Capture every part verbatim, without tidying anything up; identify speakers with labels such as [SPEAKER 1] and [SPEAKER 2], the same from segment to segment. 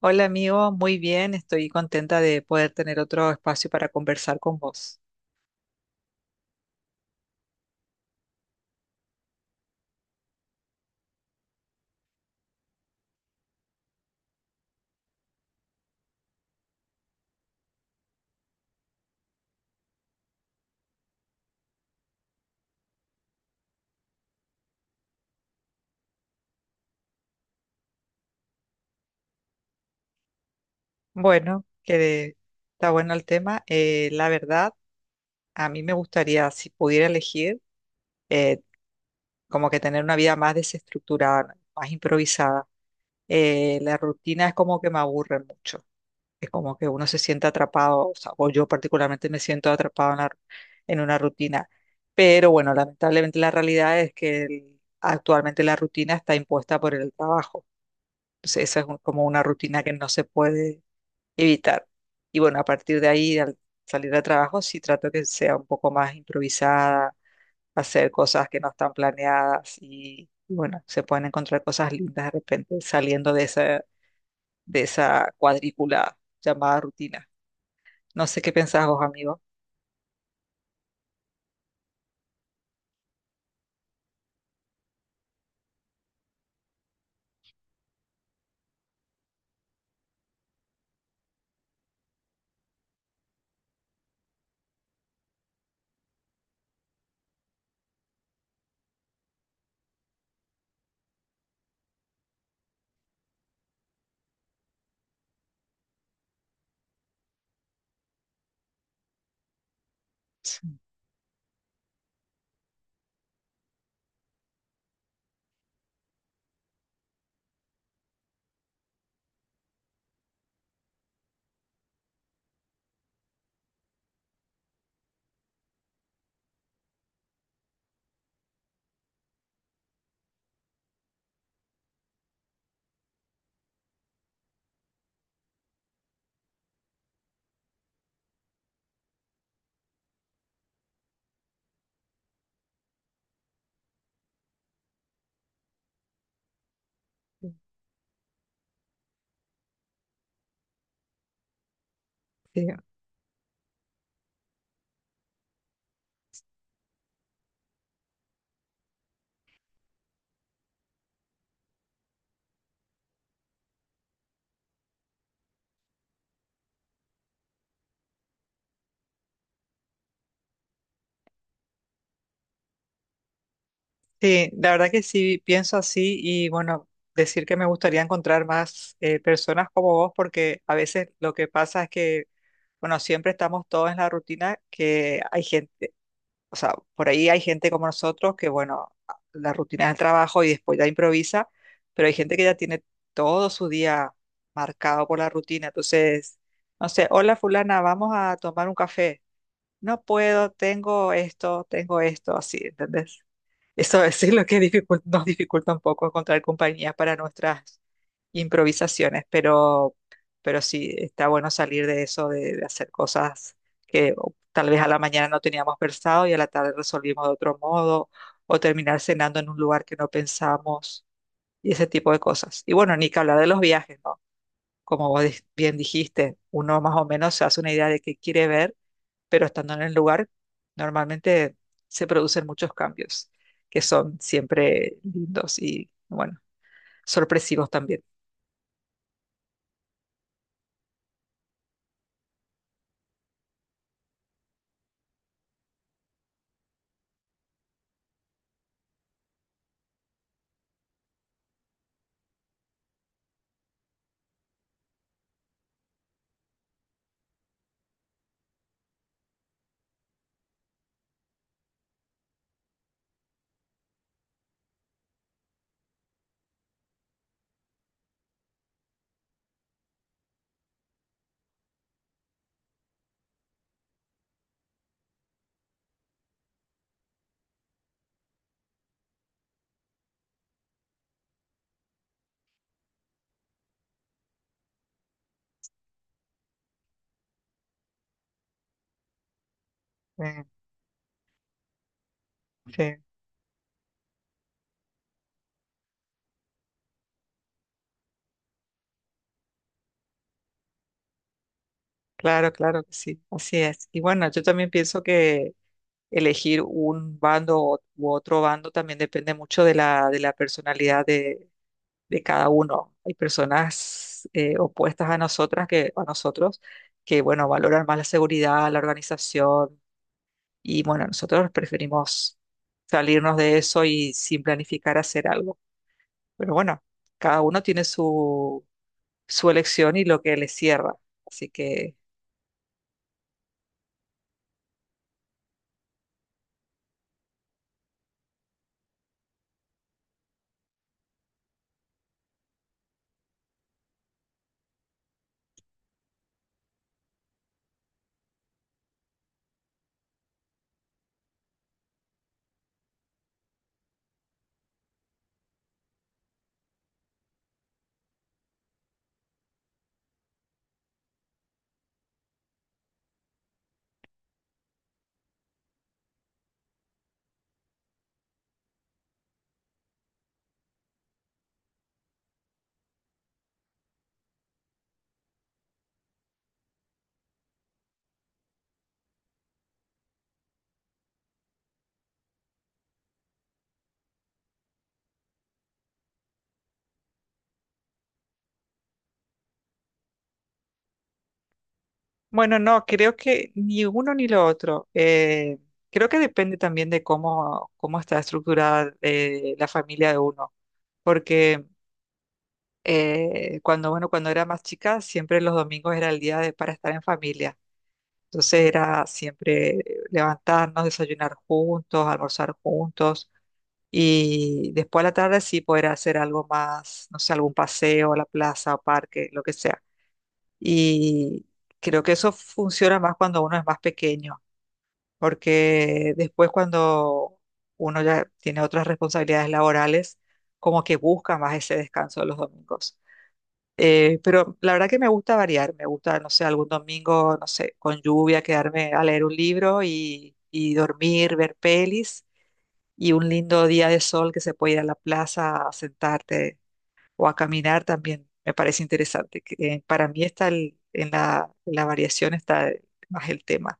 [SPEAKER 1] Hola amigo, muy bien, estoy contenta de poder tener otro espacio para conversar con vos. Bueno, que está bueno el tema. Eh, la verdad, a mí me gustaría, si pudiera elegir, eh, como que tener una vida más desestructurada, más improvisada. Eh, la rutina es como que me aburre mucho, es como que uno se siente atrapado, o sea, o yo particularmente me siento atrapado en la- en una rutina. Pero bueno, lamentablemente la realidad es que el- actualmente la rutina está impuesta por el trabajo. Entonces, esa es un- como una rutina que no se puede evitar. Y bueno, a partir de ahí, al salir de trabajo, sí trato que sea un poco más improvisada, hacer cosas que no están planeadas y, y bueno, se pueden encontrar cosas lindas de repente saliendo de esa, de esa cuadrícula llamada rutina. No sé qué pensás vos, amigo. Sí, sí, sí, la verdad que sí pienso así y bueno, decir que me gustaría encontrar más eh, personas como vos porque a veces lo que pasa es que bueno, siempre estamos todos en la rutina que hay gente, o sea, por ahí hay gente como nosotros que, bueno, a- la rutina es el trabajo y después ya improvisa, pero hay gente que ya tiene todo su día marcado por la rutina. Entonces, no sé, hola fulana, vamos a tomar un café. No puedo, tengo esto, tengo esto, así, ¿entendés? Eso, eso es lo que dificul- nos dificulta un poco encontrar compañía para nuestras improvisaciones, pero, pero sí, está bueno salir de eso, de, de hacer cosas que o, tal vez a la mañana no teníamos pensado y a la tarde resolvimos de otro modo, o terminar cenando en un lugar que no pensamos, y ese tipo de cosas. Y bueno, ni que hablar de los viajes, ¿no? Como vos dis- bien dijiste, uno más o menos se hace una idea de qué quiere ver pero estando en el lugar, normalmente se producen muchos cambios que son siempre lindos y, bueno, sorpresivos también. Eh, Sí, claro, claro que sí, así es. Y bueno, yo también pienso que elegir un bando o- u otro bando también depende mucho de la, de la personalidad de, de cada uno. Hay personas eh, opuestas a nosotras que, a nosotros que, bueno, valoran más la seguridad, la organización, y bueno, nosotros preferimos salirnos de eso y sin planificar hacer algo. Pero bueno, cada uno tiene su, su elección y lo que le cierra. Así que, bueno, no, creo que ni uno ni lo otro. Eh, creo que depende también de cómo, cómo está estructurada eh, la familia de uno. Porque eh, cuando, bueno, cuando era más chica, siempre los domingos era el día de, para estar en familia. Entonces era siempre levantarnos, desayunar juntos, almorzar juntos. Y después a la tarde sí poder hacer algo más, no sé, algún paseo a la plaza o parque, lo que sea. Y creo que eso funciona más cuando uno es más pequeño, porque después cuando uno ya tiene otras responsabilidades laborales, como que busca más ese descanso de los domingos. Eh, pero la verdad que me gusta variar, me gusta, no sé, algún domingo, no sé, con lluvia, quedarme a leer un libro y, y dormir, ver pelis y un lindo día de sol que se puede ir a la plaza a sentarte o a caminar también me parece interesante. Que, eh, para mí está el- en la, en la variación está más el tema.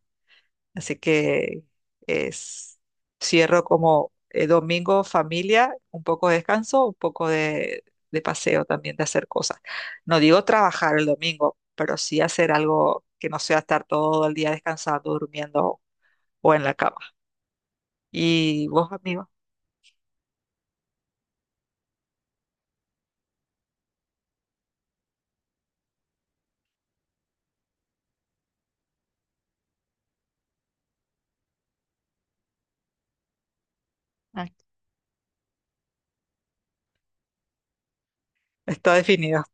[SPEAKER 1] Así que es, cierro como eh, domingo familia, un poco de descanso, un poco de, de paseo también, de hacer cosas. No digo trabajar el domingo, pero sí hacer algo que no sea estar todo el día descansando, durmiendo o en la cama. ¿Y vos, amigo? Ah. Está definido.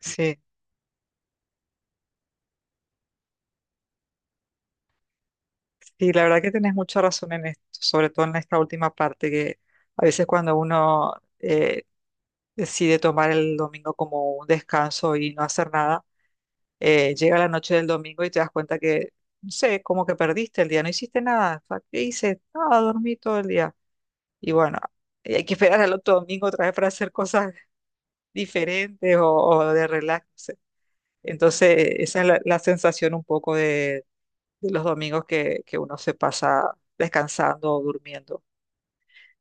[SPEAKER 1] Sí. Sí, la verdad que tenés mucha razón en esto, sobre todo en esta última parte, que a veces cuando uno eh, decide tomar el domingo como un descanso y no hacer nada, eh, llega la noche del domingo y te das cuenta que, no sé, como que perdiste el día, no hiciste nada. O sea, ¿qué hice? Nada, dormí todo el día. Y bueno, y hay que esperar al otro domingo otra vez para hacer cosas diferentes o, o de relax. No sé. Entonces, esa es la, la sensación un poco de, de los domingos que, que uno se pasa descansando o durmiendo.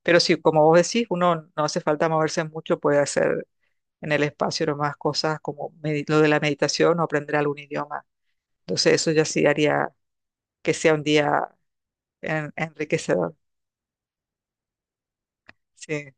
[SPEAKER 1] Pero sí, como vos decís, uno no hace falta moverse mucho, puede hacer en el espacio nomás cosas como medi- lo de la meditación o aprender algún idioma. Entonces eso ya sí haría que sea un día en- enriquecedor. Sí.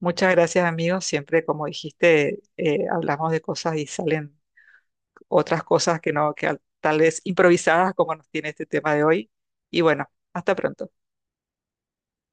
[SPEAKER 1] Muchas gracias, amigos. Siempre, como dijiste, eh, hablamos de cosas y salen otras cosas que no, que al- tal vez improvisadas, como nos tiene este tema de hoy. Y bueno, hasta pronto.